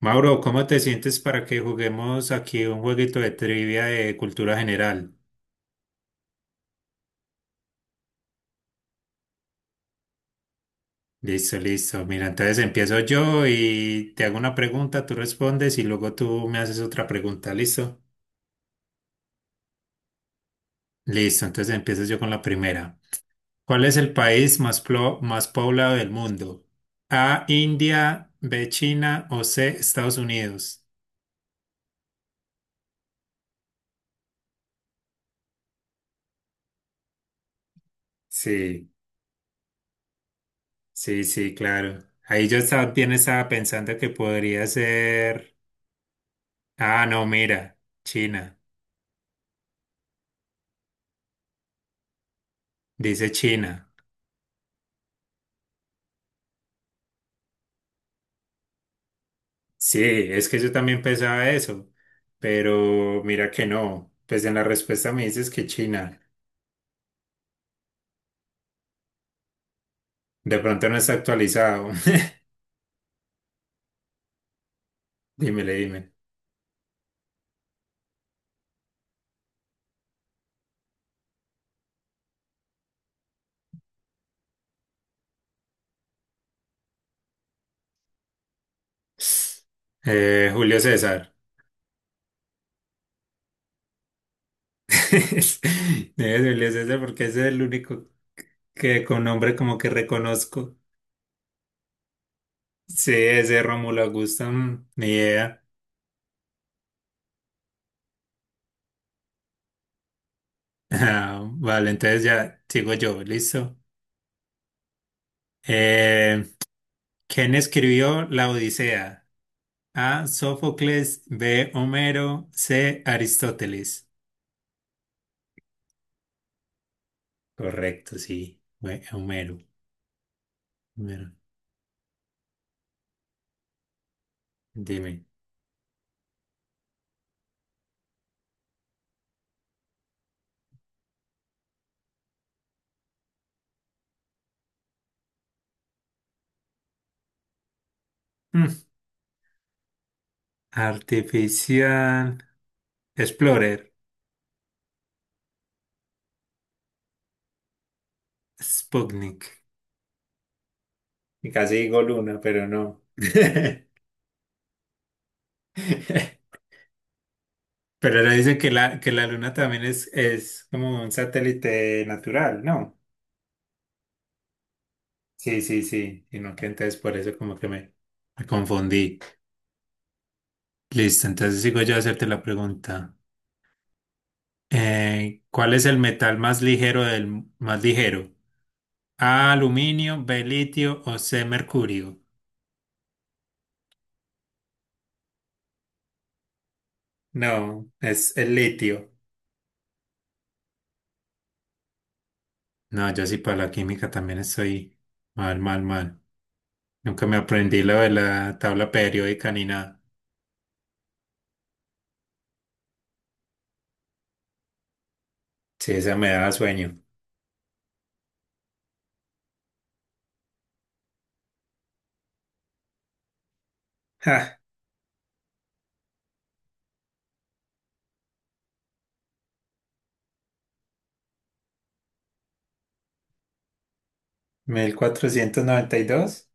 Mauro, ¿cómo te sientes para que juguemos aquí un jueguito de trivia de cultura general? Listo, listo. Mira, entonces empiezo yo y te hago una pregunta, tú respondes y luego tú me haces otra pregunta, ¿listo? Listo, entonces empiezo yo con la primera. ¿Cuál es el país más, más poblado del mundo? A, India, B, China o C, Estados Unidos. Sí, sí, sí, claro. Ahí yo también estaba pensando que podría ser. Ah, no, mira, China. Dice China. Sí, es que yo también pensaba eso, pero mira que no. Pues en la respuesta me dices que China. De pronto no está actualizado. Dímele, dime. Julio César. Debe ser Julio César porque ese es el único que con nombre como que reconozco. Sí, ese Rómulo Augusto, mm, ni idea. Ah, vale, entonces ya sigo yo, listo. Eh, ¿Quién escribió La Odisea? A, Sófocles. B, Homero. C, Aristóteles. Correcto, sí. Fue Homero. Homero. Dime. Mm. Artificial. Explorer. Sputnik. Y casi digo luna, pero no. Pero le dicen que la luna también es como un satélite natural, ¿no? Sí, sí, sí. Y no que entonces por eso como que me confundí. Listo, entonces sigo yo a hacerte la pregunta. ¿Cuál es el metal más ligero? A, aluminio, B, litio o C, mercurio. No, es el litio. No, yo sí para la química también estoy mal, mal, mal. Nunca me aprendí lo de la tabla periódica ni nada. Sí, esa me daba sueño. Ja, mil cuatrocientos noventa y dos.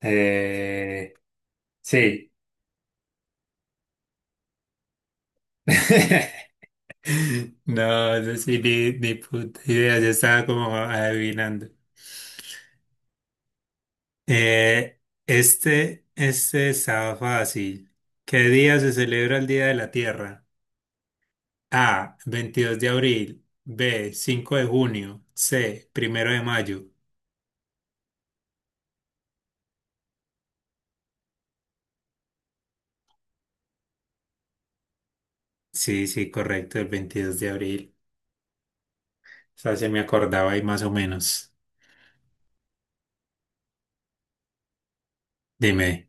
Eh, sí. No, eso sí, ni, ni puta idea, yo estaba como adivinando. Eh, este estaba fácil. ¿Qué día se celebra el Día de la Tierra? A, 22 de abril, B, 5 de junio, C, primero de mayo. Sí, sí, correcto, el 22 de abril. O sea, se me acordaba ahí más o menos. Dime.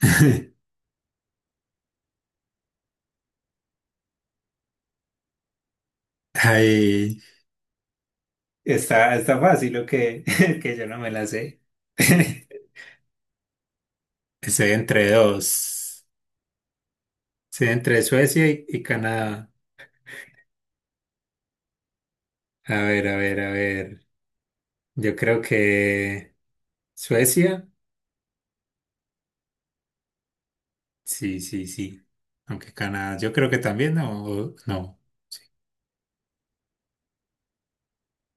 Ay, ¿está, está fácil o qué? Que yo no me la sé. Estoy entre dos. Estoy entre Suecia y Canadá. A ver, a ver, a ver. Yo creo que Suecia, sí, sí, sí. Aunque Canadá, yo creo que también, no, no. Sí.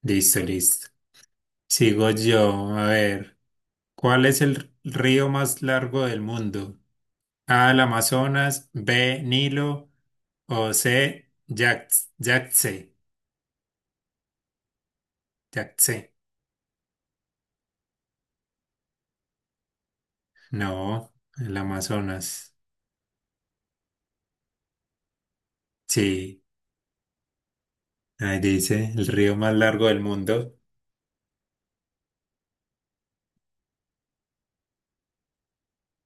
Listo, listo. Sigo yo. A ver, ¿cuál es el río más largo del mundo? A, el Amazonas, B, Nilo o C, Yangtze. Yangtze. No, el Amazonas. Sí, ahí dice, el río más largo del mundo.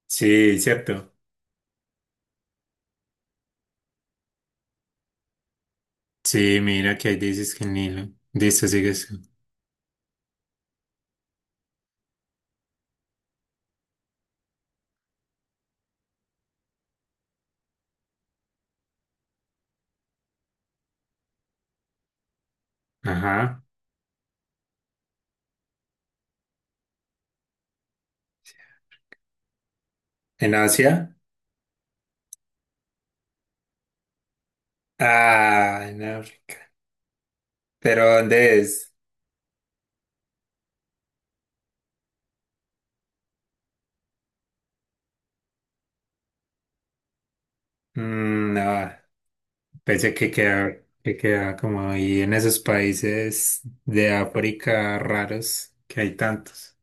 Sí, cierto. Sí, mira que hay dices que el Nilo. Listo, sigues tú. Ajá. ¿En Asia? Ah, en África. ¿Pero dónde es? Mm, no, pensé que queda como ahí en esos países de África raros que hay tantos.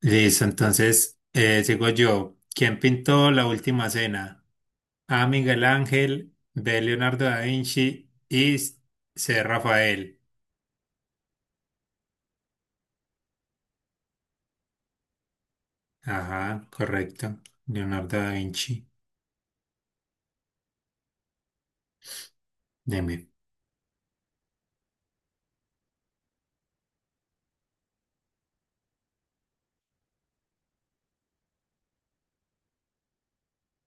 Listo, entonces sigo yo. ¿Quién pintó la última cena? A, Miguel Ángel, B, Leonardo da Vinci y C, Rafael. Ajá, correcto. Leonardo da Vinci. Deme.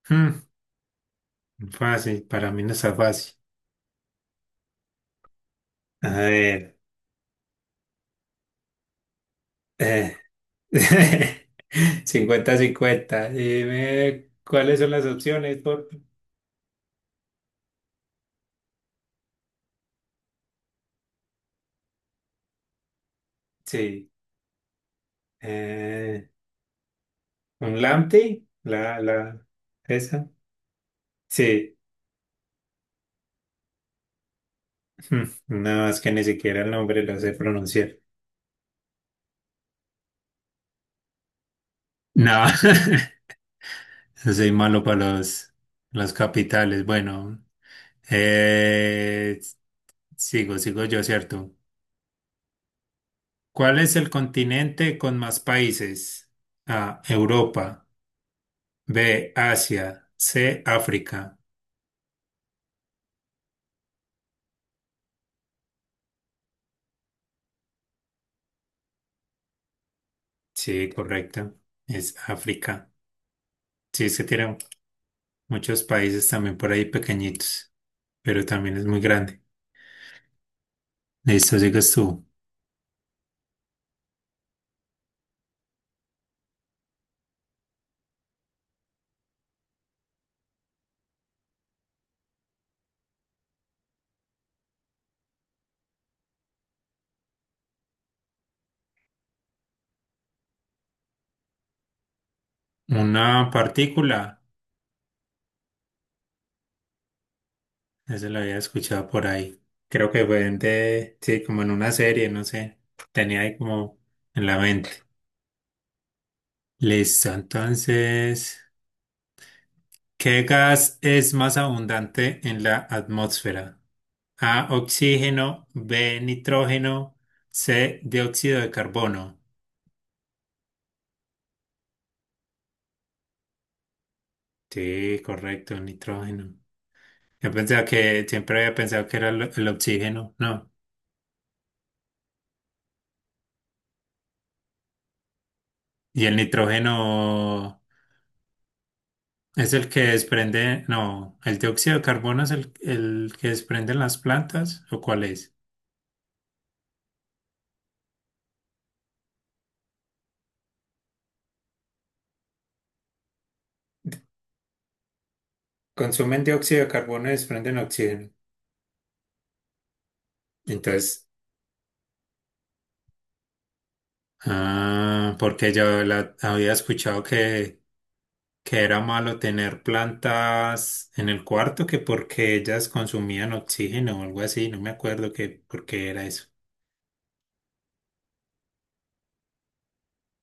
Hmm, fácil, para mí no está fácil. A ver, eh, cincuenta 50. Dime cuáles son las opciones, por Sí. eh, ¿un Lamty? Esa. Sí. Hmm, No, es que ni siquiera el nombre lo sé pronunciar. No, soy malo para los capitales. Bueno, eh, sigo, sigo yo, ¿cierto? ¿Cuál es el continente con más países? A, Europa. B, Asia. C, África. Sí, correcto. Es África. Sí, es que tiene muchos países también por ahí pequeñitos, pero también es muy grande. Listo, sigues tú. Una partícula. Eso lo había escuchado por ahí. Creo que fue en de, sí, como en una serie, no sé. Tenía ahí como en la mente. Listo, entonces. ¿Qué gas es más abundante en la atmósfera? A, oxígeno, B, nitrógeno, C, dióxido de carbono. Sí, correcto, nitrógeno. Yo pensaba que siempre había pensado que era el oxígeno, no. Y el nitrógeno es el que desprende, no, el dióxido de carbono es el que desprenden las plantas, ¿o cuál es? Consumen dióxido de carbono y desprenden oxígeno. Entonces, ah, porque yo la había escuchado que era malo tener plantas en el cuarto, que porque ellas consumían oxígeno o algo así, no me acuerdo que por qué era eso.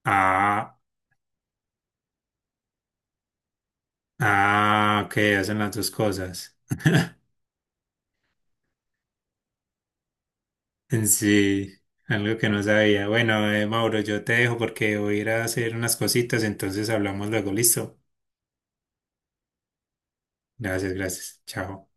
Ah, ah, que hacen las dos cosas. En sí, algo que no sabía. Bueno, Mauro, yo te dejo porque voy a ir a hacer unas cositas, entonces hablamos luego, listo. Gracias, gracias. Chao.